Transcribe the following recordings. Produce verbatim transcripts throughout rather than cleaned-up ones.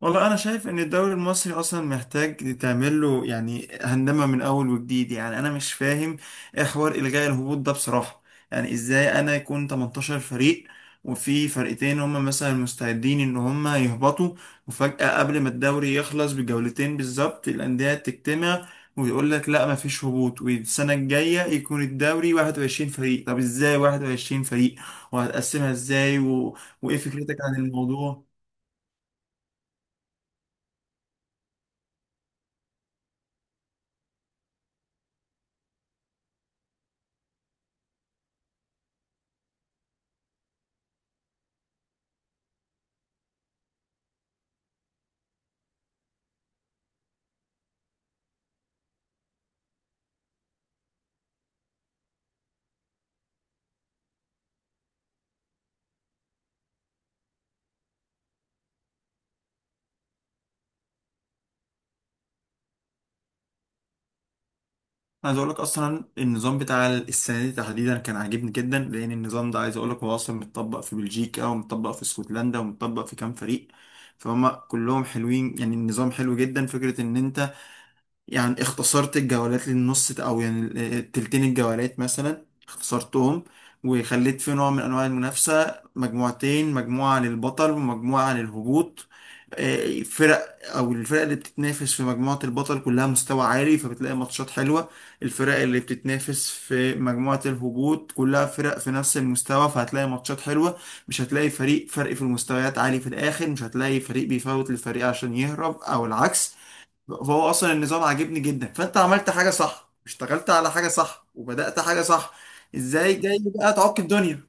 والله انا شايف ان الدوري المصري اصلا محتاج تعمل له يعني هندمه من اول وجديد. يعني انا مش فاهم ايه حوار الغاء الهبوط ده بصراحه. يعني ازاي انا يكون تمنتاشر فريق وفي فرقتين هم مثلا مستعدين ان هم يهبطوا؟ وفجاه قبل ما الدوري يخلص بجولتين بالظبط الانديه تجتمع ويقول لك لا مفيش هبوط والسنه الجايه يكون الدوري واحد وعشرين فريق. طب ازاي واحد وعشرين فريق وهتقسمها ازاي و... وايه فكرتك عن الموضوع؟ عايز اقول لك اصلا النظام بتاع السنه دي تحديدا كان عاجبني جدا لان النظام ده عايز اقول لك هو اصلا متطبق في بلجيكا ومتطبق في اسكتلندا ومتطبق في كام فريق فهم كلهم حلوين. يعني النظام حلو جدا. فكره ان انت يعني اختصرت الجولات للنص او يعني ال- التلتين الجولات مثلا اختصرتهم، وخليت في نوع من انواع المنافسة مجموعتين، مجموعة للبطل ومجموعة للهبوط. آه، فرق او الفرق اللي بتتنافس في مجموعة البطل كلها مستوى عالي فبتلاقي ماتشات حلوة. الفرق اللي بتتنافس في مجموعة الهبوط كلها فرق في نفس المستوى فهتلاقي ماتشات حلوة. مش هتلاقي فريق فرق في المستويات عالي في الاخر، مش هتلاقي فريق بيفوت للفريق عشان يهرب او العكس. فهو اصلا النظام عاجبني جدا. فانت عملت حاجه صح، اشتغلت على حاجه صح، وبدات حاجه صح. ازاي جاي بقى تعك دنيا؟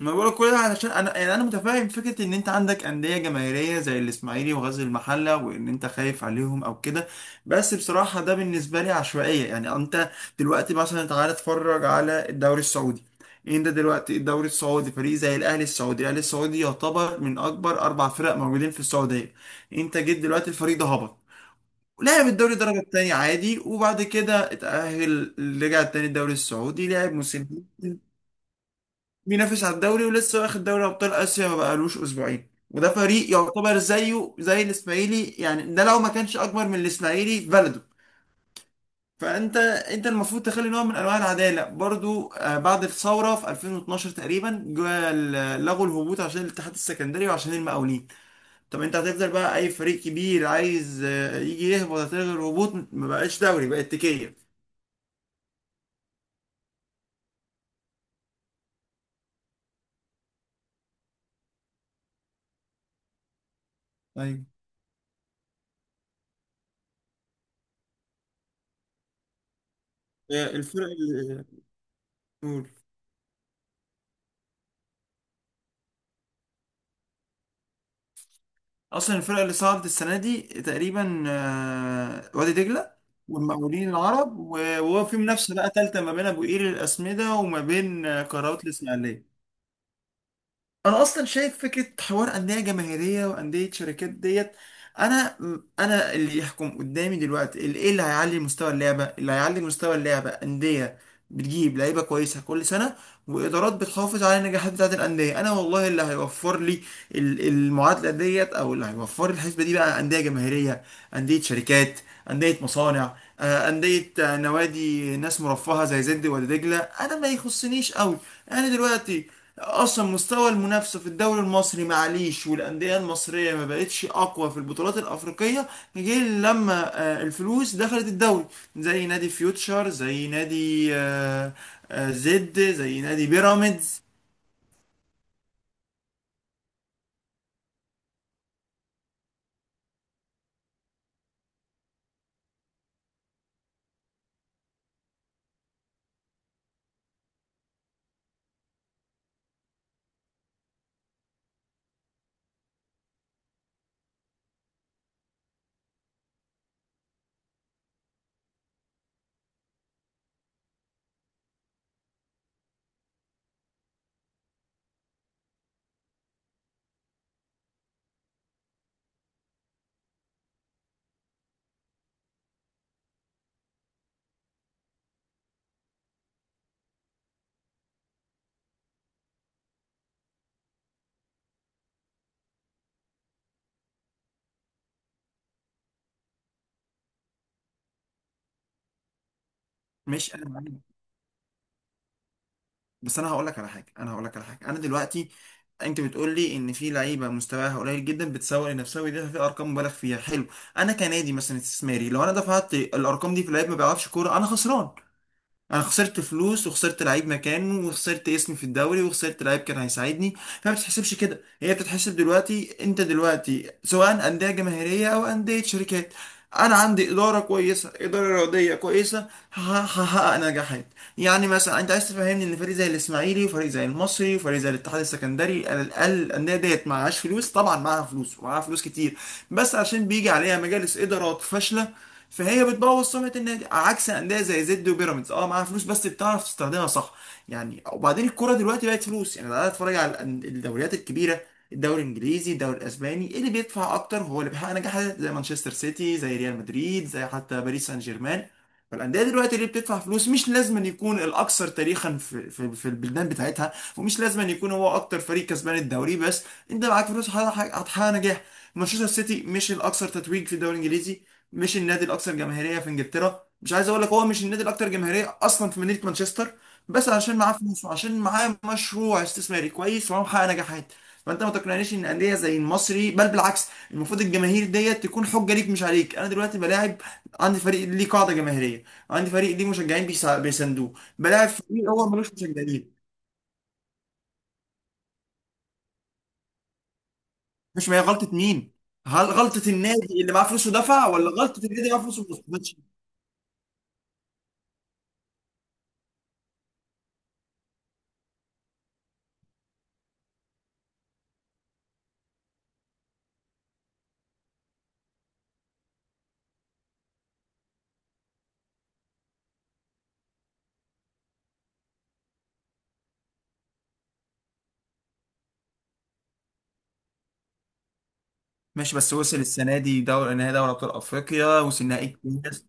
ما بقولك كل ده علشان انا يعني انا متفاهم فكره ان انت عندك انديه جماهيريه زي الاسماعيلي وغزل المحله وان انت خايف عليهم او كده. بس بصراحه ده بالنسبه لي عشوائيه. يعني انت دلوقتي مثلا تعالى اتفرج على الدوري السعودي. انت دلوقتي الدوري السعودي فريق زي الاهلي السعودي، الاهلي السعودي يعتبر من اكبر اربع فرق موجودين في السعوديه. انت جيت دلوقتي الفريق ده هبط. لعب الدوري الدرجة التانية عادي وبعد كده اتأهل، رجع تاني الدوري السعودي لعب موسمين. بينافس على الدوري ولسه واخد دوري أبطال آسيا ما بقالوش أسبوعين. وده فريق يعتبر زيه زي الإسماعيلي، يعني ده لو ما كانش أكبر من الإسماعيلي في بلده. فأنت أنت المفروض تخلي نوع من أنواع العدالة برضو. آه، بعد الثورة في ألفين واثنا عشر تقريبا جا ال- لغوا الهبوط عشان الاتحاد السكندري وعشان المقاولين. طب انت هتفضل بقى اي فريق كبير عايز آه، يجي يهبط هتلغي الهبوط؟ ما بقاش دوري، بقت تكيه. ايوه. آه، الفرق اللي نقول اصلا الفرق اللي صعدت السنه دي تقريبا آه، وادي دجله والمقاولين العرب و- وهو في منافسه بقى ثالثه ما بين ابو قير الاسمده وما بين آه، قنوات الاسماعيليه. انا اصلا شايف فكره حوار انديه جماهيريه وانديه شركات ديت. انا انا اللي يحكم قدامي دلوقتي اللي ايه؟ اللي هيعلي مستوى اللعبه، اللي هيعلي مستوى اللعبه انديه بتجيب لعيبه كويسه كل سنه وادارات بتحافظ على النجاحات بتاعه الانديه. انا والله اللي هيوفر لي ال- المعادله ديت او اللي هيوفر لي الحسبه دي بقى انديه جماهيريه، انديه شركات، انديه مصانع، آه، انديه، آه، نوادي ناس مرفهه زي زد ولا دجله، انا ما يخصنيش قوي. انا دلوقتي اصلا مستوى المنافسه في الدوري المصري معليش. والانديه المصريه ما بقتش اقوى في البطولات الافريقيه غير لما آه، الفلوس دخلت الدوري، زي نادي فيوتشر، زي نادي آه، آه، زد، زي نادي بيراميدز. مش انا معاك. بس انا هقول لك على حاجه، انا هقول لك على حاجه. انا دلوقتي انت بتقول لي ان في لعيبه مستواها قليل جدا بتسوق لنفسها ويدفع في ارقام مبالغ فيها. حلو. انا كنادي مثلا استثماري لو انا دفعت الارقام دي في لعيب ما بيعرفش كوره انا خسران. انا خسرت فلوس وخسرت لعيب مكانه وخسرت اسمي في الدوري وخسرت لعيب كان هيساعدني. فما بتتحسبش كده، هي بتتحسب دلوقتي انت دلوقتي سواء انديه جماهيريه او انديه شركات، انا عندي اداره كويسه اداره رياضيه كويسه، هح- هحقق نجاحات. يعني مثلا انت عايز تفهمني ان فريق زي الاسماعيلي وفريق زي المصري وفريق زي الاتحاد السكندري على الاقل الانديه ديت معهاش فلوس؟ طبعا معاها فلوس ومعاها فلوس كتير. بس عشان بيجي عليها مجالس ادارات فاشله فهي بتبوظ سمعه النادي. عكس انديه زي زد وبيراميدز اه معاها فلوس بس بتعرف تستخدمها صح. يعني وبعدين الكوره دلوقتي بقت فلوس. يعني انا اتفرج على الأن- الدوريات الكبيره، الدوري الانجليزي، الدوري الاسباني، إيه اللي بيدفع اكتر هو اللي بيحقق نجاحات زي مانشستر سيتي، زي ريال مدريد، زي حتى باريس سان جيرمان. فالانديه دلوقتي اللي بتدفع فلوس مش لازم أن يكون الاكثر تاريخا في في, في البلدان بتاعتها ومش لازم أن يكون هو اكتر فريق كسبان الدوري. بس انت معاك فلوس هتحقق هتحقق نجاح. مانشستر سيتي مش الاكثر تتويج في الدوري الانجليزي، مش النادي الاكثر جماهيريه في انجلترا. مش عايز اقول لك هو مش النادي الاكثر جماهيريه اصلا في مدينه مانشستر. بس عشان معاه فلوس وعشان معاه مشروع استثماري كويس وهو محقق نجاحات. فانت ما تقنعنيش ان انديه زي المصري، بل بالعكس المفروض الجماهير ديت تكون حجه ليك مش عليك. انا دلوقتي بلاعب عندي فريق ليه قاعده جماهيريه، عندي فريق ليه مشجعين بيسا- بيساندوه، بلاعب فريق هو ملوش مشجعين، مش ما هي غلطه مين؟ هل غلطه النادي اللي معاه فلوس ودفع ولا غلطه النادي اللي معاه فلوس وما استفادش؟ ماشي، بس وصل السنه دي دوري نهائي دوري ابطال افريقيا وصل نهائي الكاس.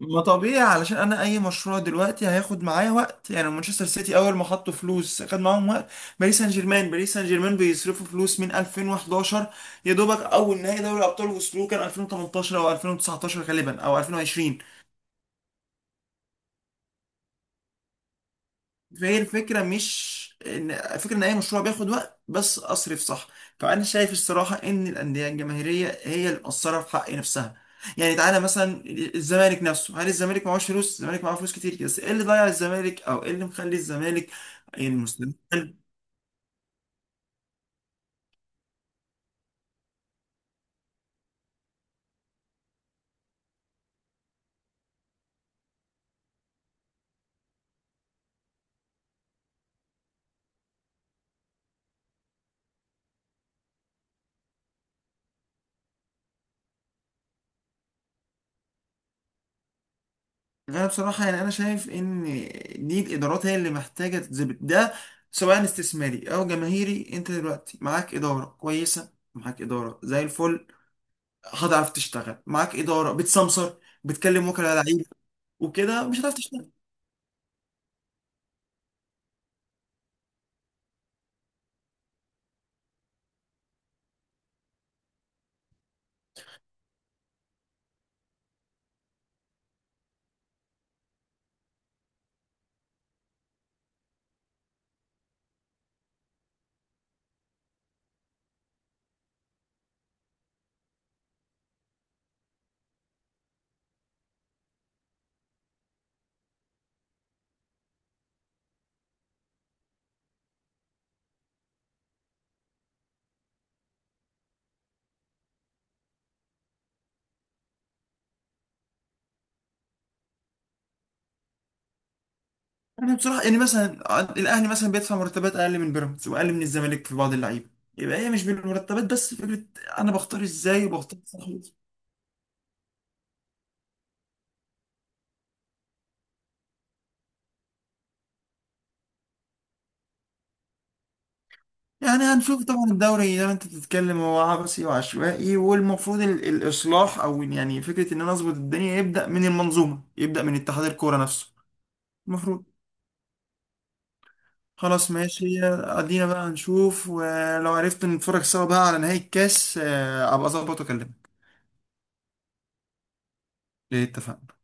ما طبيعي علشان انا اي مشروع دلوقتي هياخد معايا وقت. يعني مانشستر سيتي اول ما حطوا فلوس خد معاهم وقت. باريس سان جيرمان، باريس سان جيرمان بيصرفوا فلوس من ألفين وحداشر، يا دوبك اول نهائي دوري ابطال وصلوه كان ألفين وثمانية عشر او ألفين وتسعتاشر غالبا او ألفين وعشرين. فهي الفكرة مش إن الفكرة إن أي مشروع بياخد وقت، بس أصرف صح. فأنا شايف الصراحة إن الأندية الجماهيرية هي اللي مقصرة في حق نفسها. يعني تعالى مثلا الزمالك نفسه. هل الزمالك معهوش فلوس؟ الزمالك معاه فلوس كتير. بس إيه اللي ضيع الزمالك أو إيه اللي مخلي الزمالك المستقبل حلو؟ أنا بصراحة يعني أنا شايف إن دي الإدارات هي اللي محتاجة تتظبط ده. سواء استثماري أو جماهيري، أنت دلوقتي معاك إدارة كويسة معاك إدارة زي الفل هتعرف تشتغل. معاك اداره بتسمسر بتكلم وكلاء لعيب وكده مش هتعرف تشتغل. يعني بصراحه يعني مثلا الاهلي مثلا بيدفع مرتبات اقل من بيراميدز واقل من الزمالك في بعض اللعيبه. يبقى هي مش بالمرتبات بس، فكره انا بختار ازاي وبختار صح. يعني هنشوف طبعا الدوري زي ما انت بتتكلم هو عبثي وعشوائي، والمفروض ال- الاصلاح او يعني فكره ان انا اظبط الدنيا يبدا من المنظومه، يبدا من اتحاد الكوره نفسه. المفروض. خلاص ماشي، ادينا بقى نشوف ولو عرفت نتفرج سوا بقى على نهاية الكاس آه، ابقى اظبط واكلمك. اتفقنا.